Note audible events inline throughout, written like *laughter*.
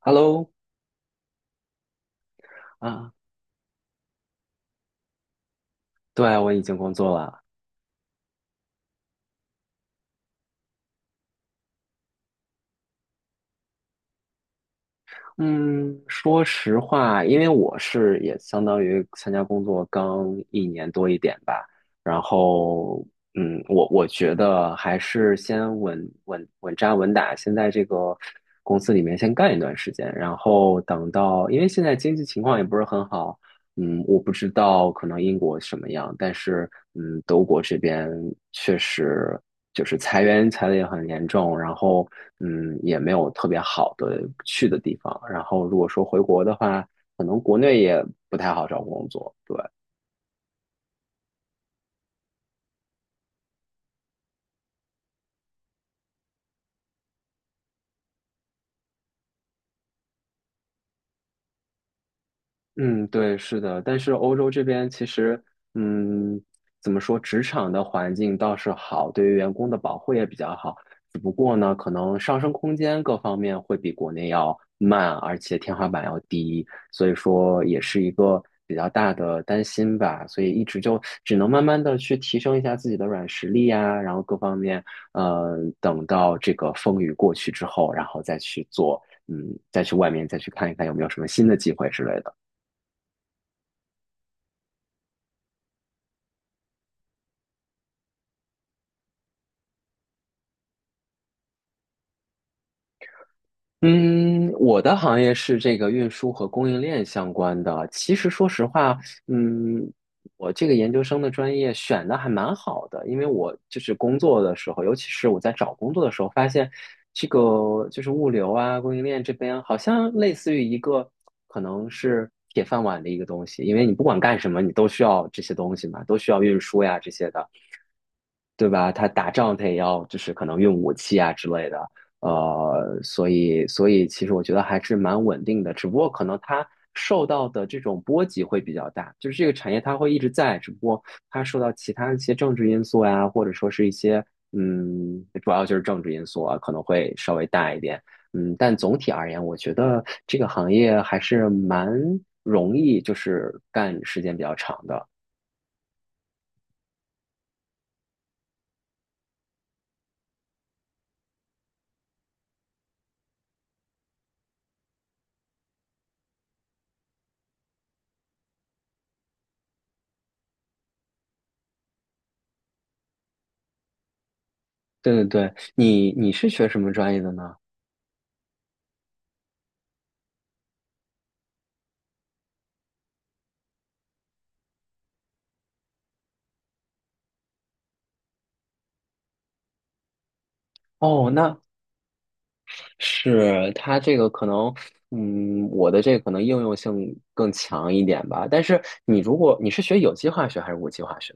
Hello，啊，对啊，我已经工作了。嗯，说实话，因为我是也相当于参加工作刚一年多一点吧，然后，我觉得还是先稳扎稳打，先在这个公司里面先干一段时间，然后等到，因为现在经济情况也不是很好，我不知道可能英国什么样，但是德国这边确实就是裁员裁的也很严重，然后也没有特别好的去的地方。然后如果说回国的话，可能国内也不太好找工作，对。嗯，对，是的，但是欧洲这边其实，嗯，怎么说，职场的环境倒是好，对于员工的保护也比较好，只不过呢，可能上升空间各方面会比国内要慢，而且天花板要低，所以说也是一个比较大的担心吧，所以一直就只能慢慢的去提升一下自己的软实力呀，然后各方面，等到这个风雨过去之后，然后再去做，再去外面再去看一看有没有什么新的机会之类的。嗯，我的行业是这个运输和供应链相关的。其实说实话，嗯，我这个研究生的专业选的还蛮好的，因为我就是工作的时候，尤其是我在找工作的时候，发现这个就是物流啊、供应链这边好像类似于一个可能是铁饭碗的一个东西，因为你不管干什么，你都需要这些东西嘛，都需要运输呀这些的。对吧？他打仗他也要就是可能用武器啊之类的，所以其实我觉得还是蛮稳定的，只不过可能它受到的这种波及会比较大，就是这个产业它会一直在，只不过它受到其他一些政治因素呀，或者说是一些主要就是政治因素啊，可能会稍微大一点，但总体而言，我觉得这个行业还是蛮容易，就是干时间比较长的。对对对，你是学什么专业的呢？哦，那是它这个可能，我的这个可能应用性更强一点吧。但是你如果你是学有机化学还是无机化学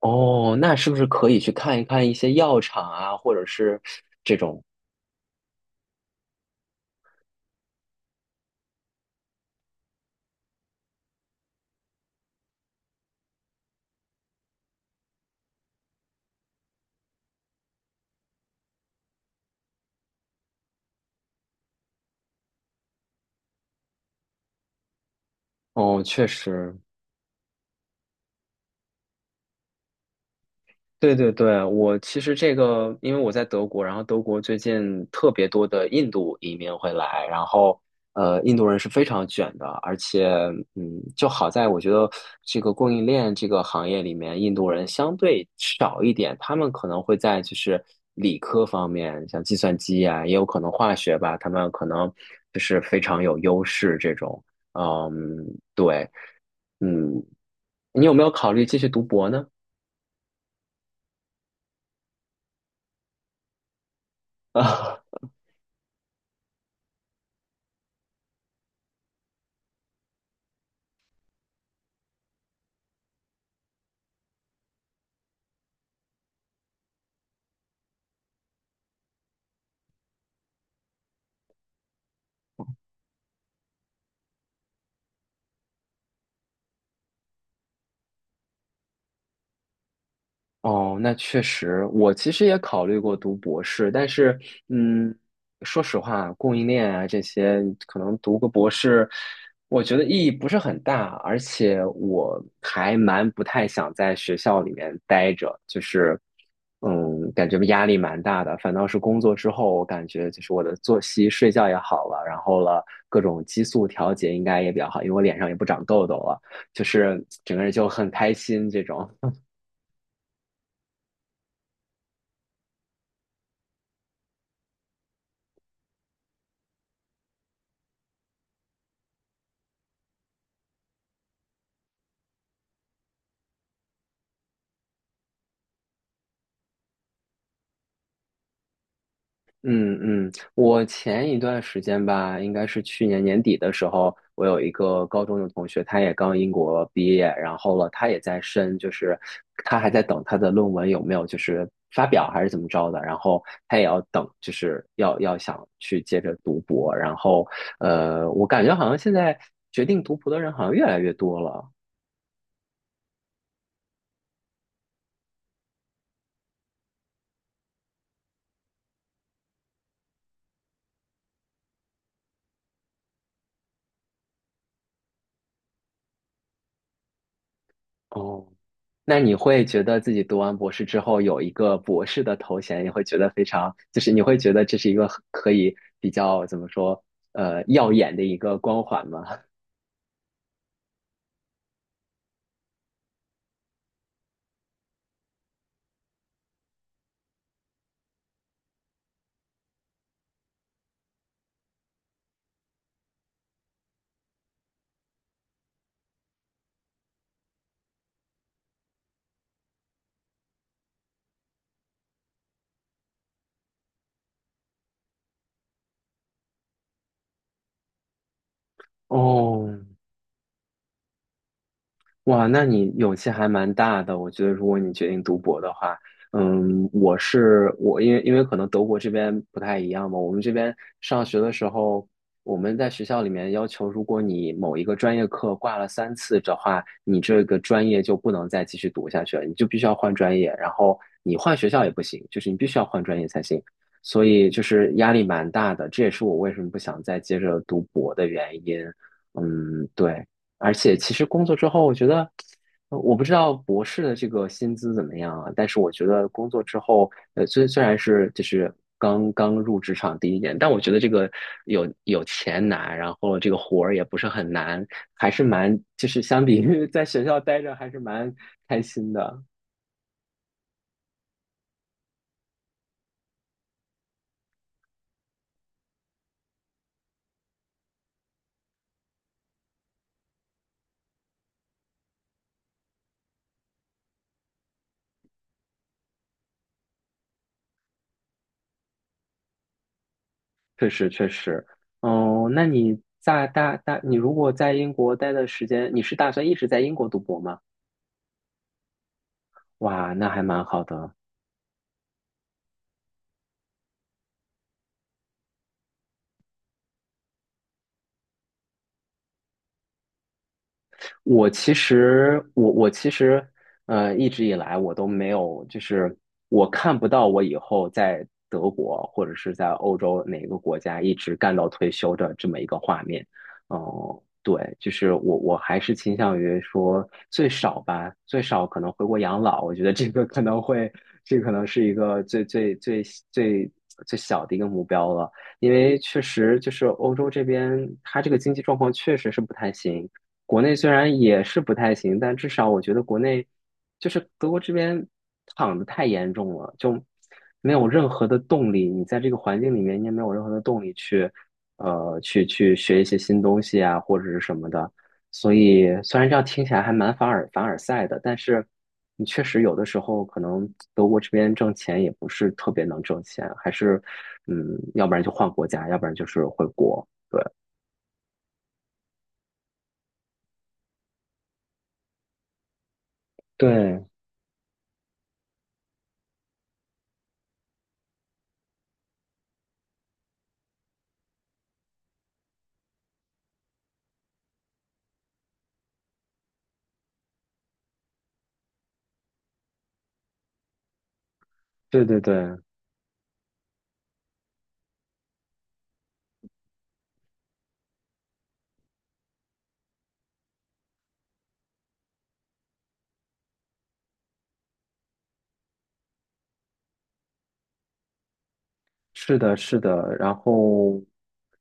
哦，那是不是可以去看一看一些药厂啊，或者是这种？哦，确实，对对对，我其实这个，因为我在德国，然后德国最近特别多的印度移民会来，然后印度人是非常卷的，而且就好在我觉得这个供应链这个行业里面，印度人相对少一点，他们可能会在就是理科方面，像计算机啊，也有可能化学吧，他们可能就是非常有优势这种，嗯，对，嗯，你有没有考虑继续读博呢？*laughs* 啊？哦，那确实，我其实也考虑过读博士，但是，嗯，说实话，供应链啊这些，可能读个博士，我觉得意义不是很大，而且我还蛮不太想在学校里面待着，就是，感觉压力蛮大的。反倒是工作之后，我感觉就是我的作息、睡觉也好了，然后了各种激素调节应该也比较好，因为我脸上也不长痘痘了，就是整个人就很开心这种。嗯嗯，我前一段时间吧，应该是去年年底的时候，我有一个高中的同学，他也刚英国毕业，然后了，他也在申，就是他还在等他的论文有没有就是发表还是怎么着的，然后他也要等，就是要想去接着读博，然后我感觉好像现在决定读博的人好像越来越多了。哦，那你会觉得自己读完博士之后有一个博士的头衔，你会觉得非常，就是你会觉得这是一个很可以比较怎么说，耀眼的一个光环吗？哦，哇，那你勇气还蛮大的。我觉得，如果你决定读博的话，我是我，因为可能德国这边不太一样嘛。我们这边上学的时候，我们在学校里面要求，如果你某一个专业课挂了三次的话，你这个专业就不能再继续读下去了，你就必须要换专业，然后你换学校也不行，就是你必须要换专业才行。所以就是压力蛮大的，这也是我为什么不想再接着读博的原因。嗯，对。而且其实工作之后，我觉得，我不知道博士的这个薪资怎么样啊，但是我觉得工作之后，虽然是就是刚刚入职场第一年，但我觉得这个有钱拿，然后这个活儿也不是很难，还是蛮就是相比于 *laughs* 在学校待着还是蛮开心的，确实确实，哦，那你在你如果在英国待的时间，你是打算一直在英国读博吗？哇，那还蛮好的。我其实，一直以来我都没有，就是我看不到我以后在德国或者是在欧洲哪个国家一直干到退休的这么一个画面。哦、对，就是我还是倾向于说最少吧，最少可能回国养老。我觉得这个可能会，这可能是一个最最小的一个目标了。因为确实就是欧洲这边，它这个经济状况确实是不太行。国内虽然也是不太行，但至少我觉得国内就是德国这边躺的太严重了，就没有任何的动力。你在这个环境里面，你也没有任何的动力去，去学一些新东西啊，或者是什么的。所以虽然这样听起来还蛮凡尔赛的，但是你确实有的时候可能德国这边挣钱也不是特别能挣钱，还是要不然就换国家，要不然就是回国。对，对，对对对，是的，是的。然后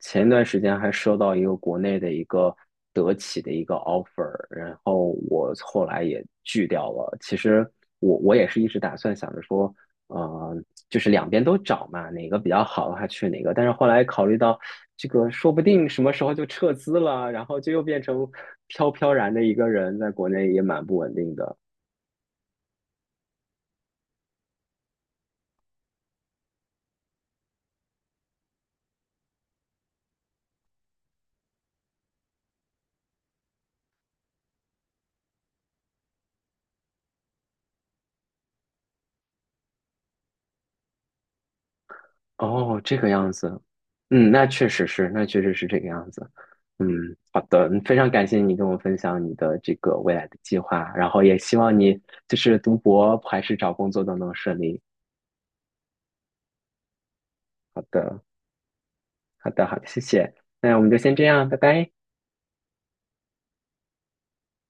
前一段时间还收到一个国内的一个德企的一个 offer，然后我后来也拒掉了。其实我也是一直打算想着说，呃，就是两边都找嘛，哪个比较好的话去哪个。但是后来考虑到这个，说不定什么时候就撤资了，然后就又变成飘飘然的一个人，在国内也蛮不稳定的。哦，这个样子，嗯，那确实是，那确实是这个样子。嗯，好的，非常感谢你跟我分享你的这个未来的计划，然后也希望你就是读博还是找工作都能顺利。好的，好的，好的，谢谢。那我们就先这样，拜拜。